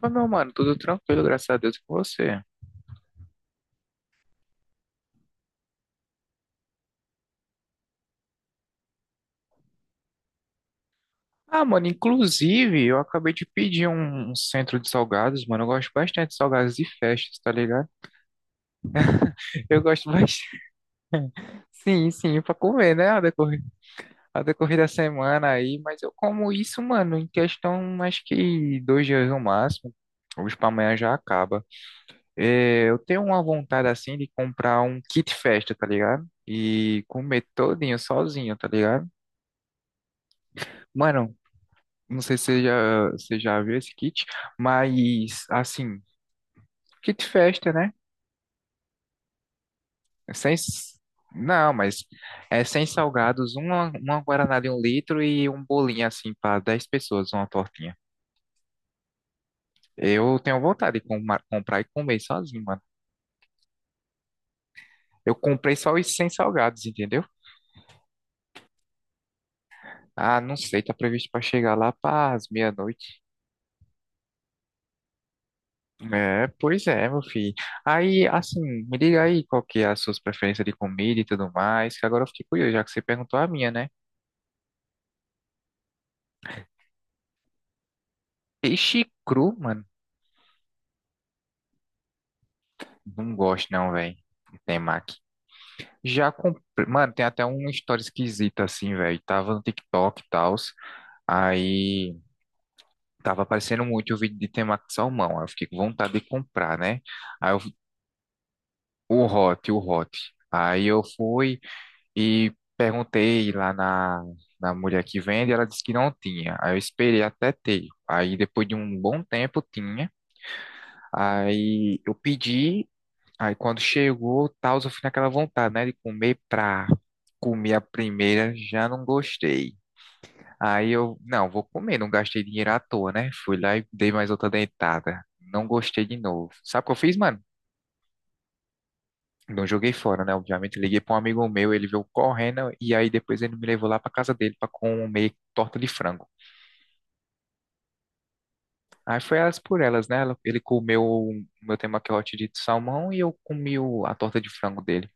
Mas, meu mano, tudo tranquilo, graças a Deus, com você. Ah, mano, inclusive, eu acabei de pedir um centro de salgados, mano. Eu gosto bastante de salgados de festas, tá ligado? Eu gosto bastante. Sim, sim, pra comer, né? A decorrer da semana aí. Mas eu como isso, mano, em questão, acho que 2 dias no máximo. Hoje pra amanhã já acaba. É, eu tenho uma vontade, assim, de comprar um kit festa, tá ligado? E comer todinho sozinho, tá ligado? Mano, não sei se você já viu esse kit, mas assim, kit festa, né? É Sem, s- não, mas é sem salgados, uma guaraná de 1 litro e um bolinho assim para 10 pessoas, uma tortinha. Eu tenho vontade de comprar e comer sozinho, mano. Eu comprei só os sem salgados, entendeu? Ah, não sei, tá previsto para chegar lá para as meia-noite. É, pois é, meu filho. Aí, assim, me diga aí qual que é as suas preferências de comida e tudo mais, que agora eu fiquei curioso, já que você perguntou a minha, né? Peixe cru, mano, não gosto não, velho. Temaki. Já comprei. Mano, tem até uma história esquisita assim, velho. Tava no TikTok e tal. Aí tava aparecendo muito o vídeo de temaki de salmão. Aí eu fiquei com vontade de comprar, né? Aí eu, o hot. Aí eu fui e perguntei lá na mulher que vende. Ela disse que não tinha. Aí eu esperei até ter. Aí depois de um bom tempo tinha. Aí eu pedi. Aí quando chegou, tal, eu fui naquela vontade, né, de comer pra comer a primeira, já não gostei. Aí eu, não, vou comer, não gastei dinheiro à toa, né? Fui lá e dei mais outra dentada. Não gostei de novo. Sabe o que eu fiz, mano? Não joguei fora, né? Obviamente, liguei pra um amigo meu, ele veio correndo e aí depois ele me levou lá pra casa dele pra comer torta de frango. Aí foi elas por elas, né? Ela- Ele comeu o meu temaki hot de salmão e eu comi o- a torta de frango dele.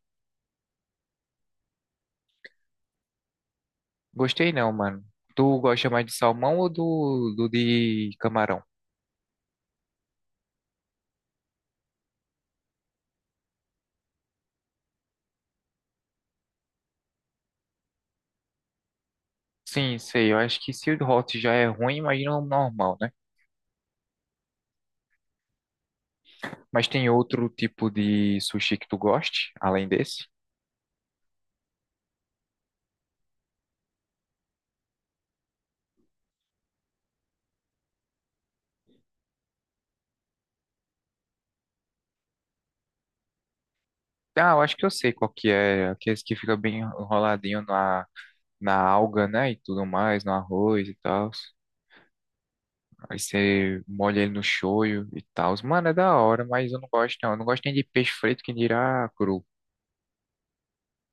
Gostei não, mano. Tu gosta mais de salmão ou do de camarão? Sim, sei. Eu acho que se o hot já é ruim, imagina o normal, né? Mas tem outro tipo de sushi que tu goste, além desse? Ah, eu acho que eu sei qual que é. Aqueles que fica bem enroladinho na alga, né? E tudo mais, no arroz e tal. Aí você molha ele no shoyu e tal. Mano, é da hora, mas eu não gosto não. Eu não gosto nem de peixe frito, que dirá cru,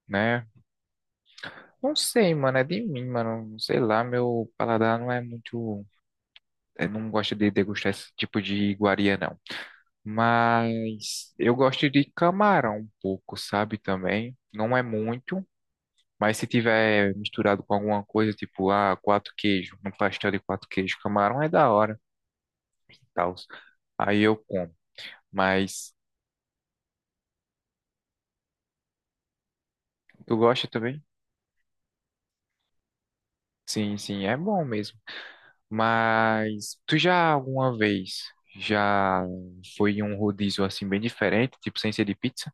né? Não sei, mano, é de mim, mano. Sei lá, meu paladar não é muito. Eu não gosto de degustar esse tipo de iguaria, não. Mas eu gosto de camarão um pouco, sabe? Também. Não é muito, mas se tiver misturado com alguma coisa, tipo, ah, quatro queijos, um pastel de quatro queijos, camarão é da hora, tal. Aí eu como. Mas tu gosta também? Sim, sim, é bom mesmo. Mas tu já alguma vez já foi em um rodízio assim bem diferente, tipo sem ser de pizza?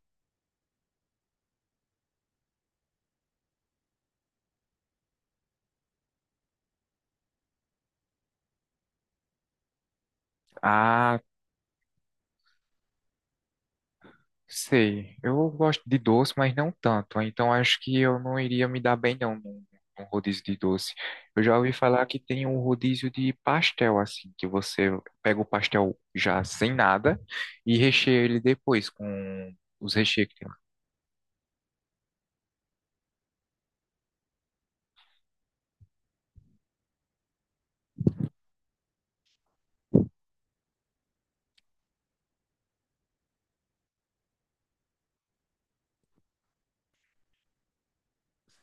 Ah, sei. Eu gosto de doce, mas não tanto. Então acho que eu não iria me dar bem não num rodízio de doce. Eu já ouvi falar que tem um rodízio de pastel assim, que você pega o pastel já sem nada e recheia ele depois com os recheios que tem.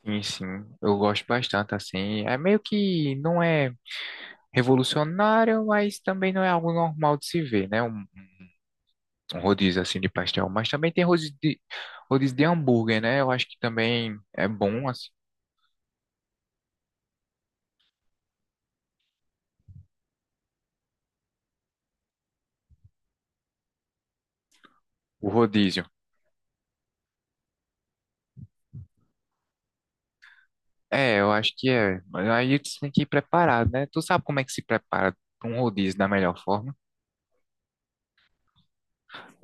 Sim, sim, eu gosto bastante assim. É meio que não é revolucionário, mas também não é algo normal de se ver, né? Um rodízio assim de pastel, mas também tem rodízio de hambúrguer, né? Eu acho que também é bom assim, o rodízio. É, eu acho que é. Mas aí tu tem que ir preparado, né? Tu sabe como é que se prepara para um rodízio da melhor forma?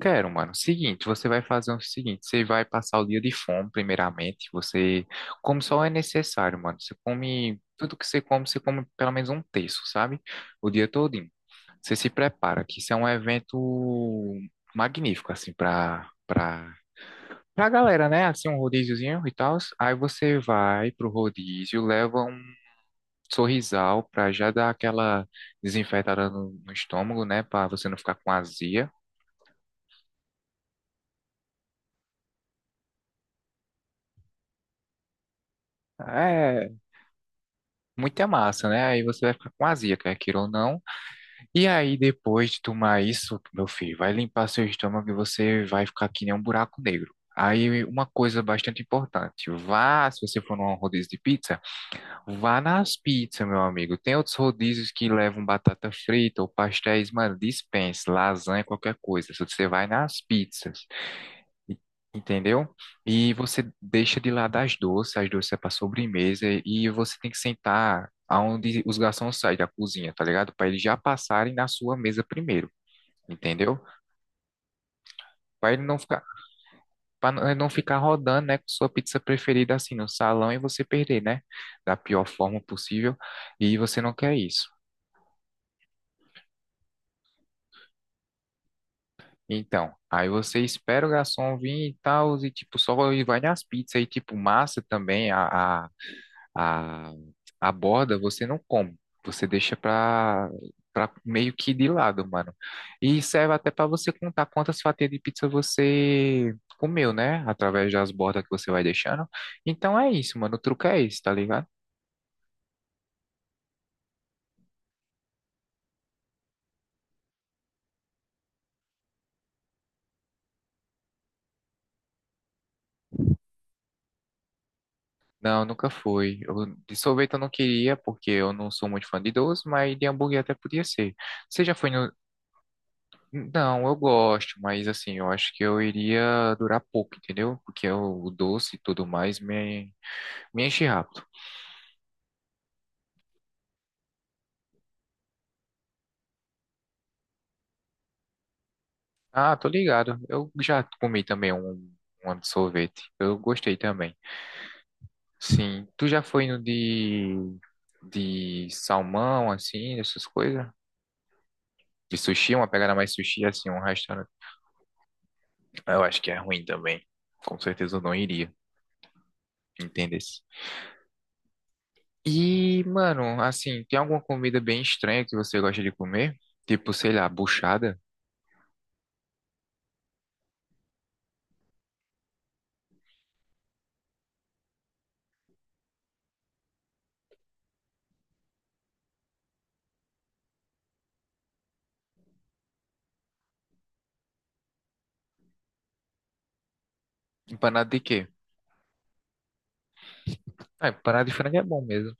Quero, mano. Seguinte, você vai fazer o seguinte, você vai passar o dia de fome, primeiramente, você come só o é necessário, mano. Você come tudo que você come pelo menos um terço, sabe? O dia todo. Você se prepara, que isso é um evento magnífico, assim, pra galera, né? Assim, um rodíziozinho e tal. Aí você vai pro rodízio, leva um sorrisal pra já dar aquela desinfetada no estômago, né? Pra você não ficar com azia. É, muita massa, né? Aí você vai ficar com azia, quer queira ou não. E aí, depois de tomar isso, meu filho, vai limpar seu estômago e você vai ficar que nem um buraco negro. Aí, uma coisa bastante importante, vá, se você for num rodízio de pizza, vá nas pizzas, meu amigo. Tem outros rodízios que levam batata frita ou pastéis, mano, dispense, lasanha, qualquer coisa. Só que você vai nas pizzas, entendeu? E você deixa de lado as doces é para sobremesa e você tem que sentar aonde os garçons saem da cozinha, tá ligado? Para eles já passarem na sua mesa primeiro, entendeu? Para ele não ficar, para não ficar rodando, né, com sua pizza preferida assim no salão e você perder, né, da pior forma possível, e você não quer isso. Então, aí você espera o garçom vir e tal, e tipo, só e vai nas pizzas, e tipo, massa também, A, a borda você não come, você deixa pra meio que de lado, mano. E serve até pra você contar quantas fatias de pizza você comeu, né? Através das bordas que você vai deixando. Então é isso, mano. O truque é esse, tá ligado? Não, nunca foi. Eu- de sorvete eu não queria, porque eu não sou muito fã de doce, mas de hambúrguer até podia ser. Você já foi no. Não, eu gosto, mas assim, eu acho que eu iria durar pouco, entendeu? Porque o doce e tudo mais me enche rápido. Ah, tô ligado. Eu já comi também um de sorvete. Eu gostei também. Sim. Tu já foi no de salmão, assim, essas coisas? De sushi, uma pegada mais sushi, assim, um restaurante. Eu acho que é ruim também. Com certeza eu não iria. Entende? Se E, mano, assim, tem alguma comida bem estranha que você gosta de comer? Tipo, sei lá, buchada? Empanado de quê? Ah, empanado de frango é bom mesmo.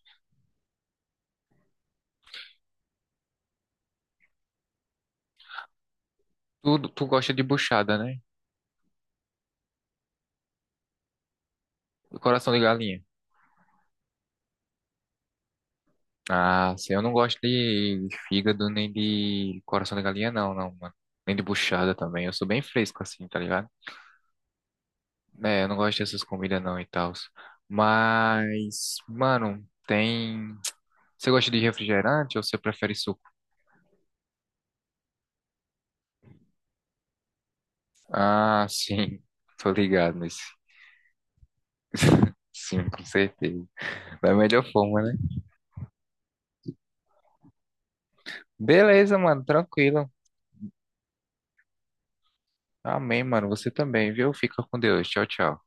Tu gosta de buchada, né? Coração de galinha. Ah, sim, eu não gosto de fígado nem de coração de galinha, não, não, mano. Nem de buchada também. Eu sou bem fresco assim, tá ligado? É, eu não gosto dessas comidas não e tal. Mas, mano, tem. Você gosta de refrigerante ou você prefere suco? Ah, sim, tô ligado nesse. Sim, com certeza. Da melhor forma, né? Beleza, mano, tranquilo. Amém, mano. Você também, viu? Fica com Deus. Tchau, tchau.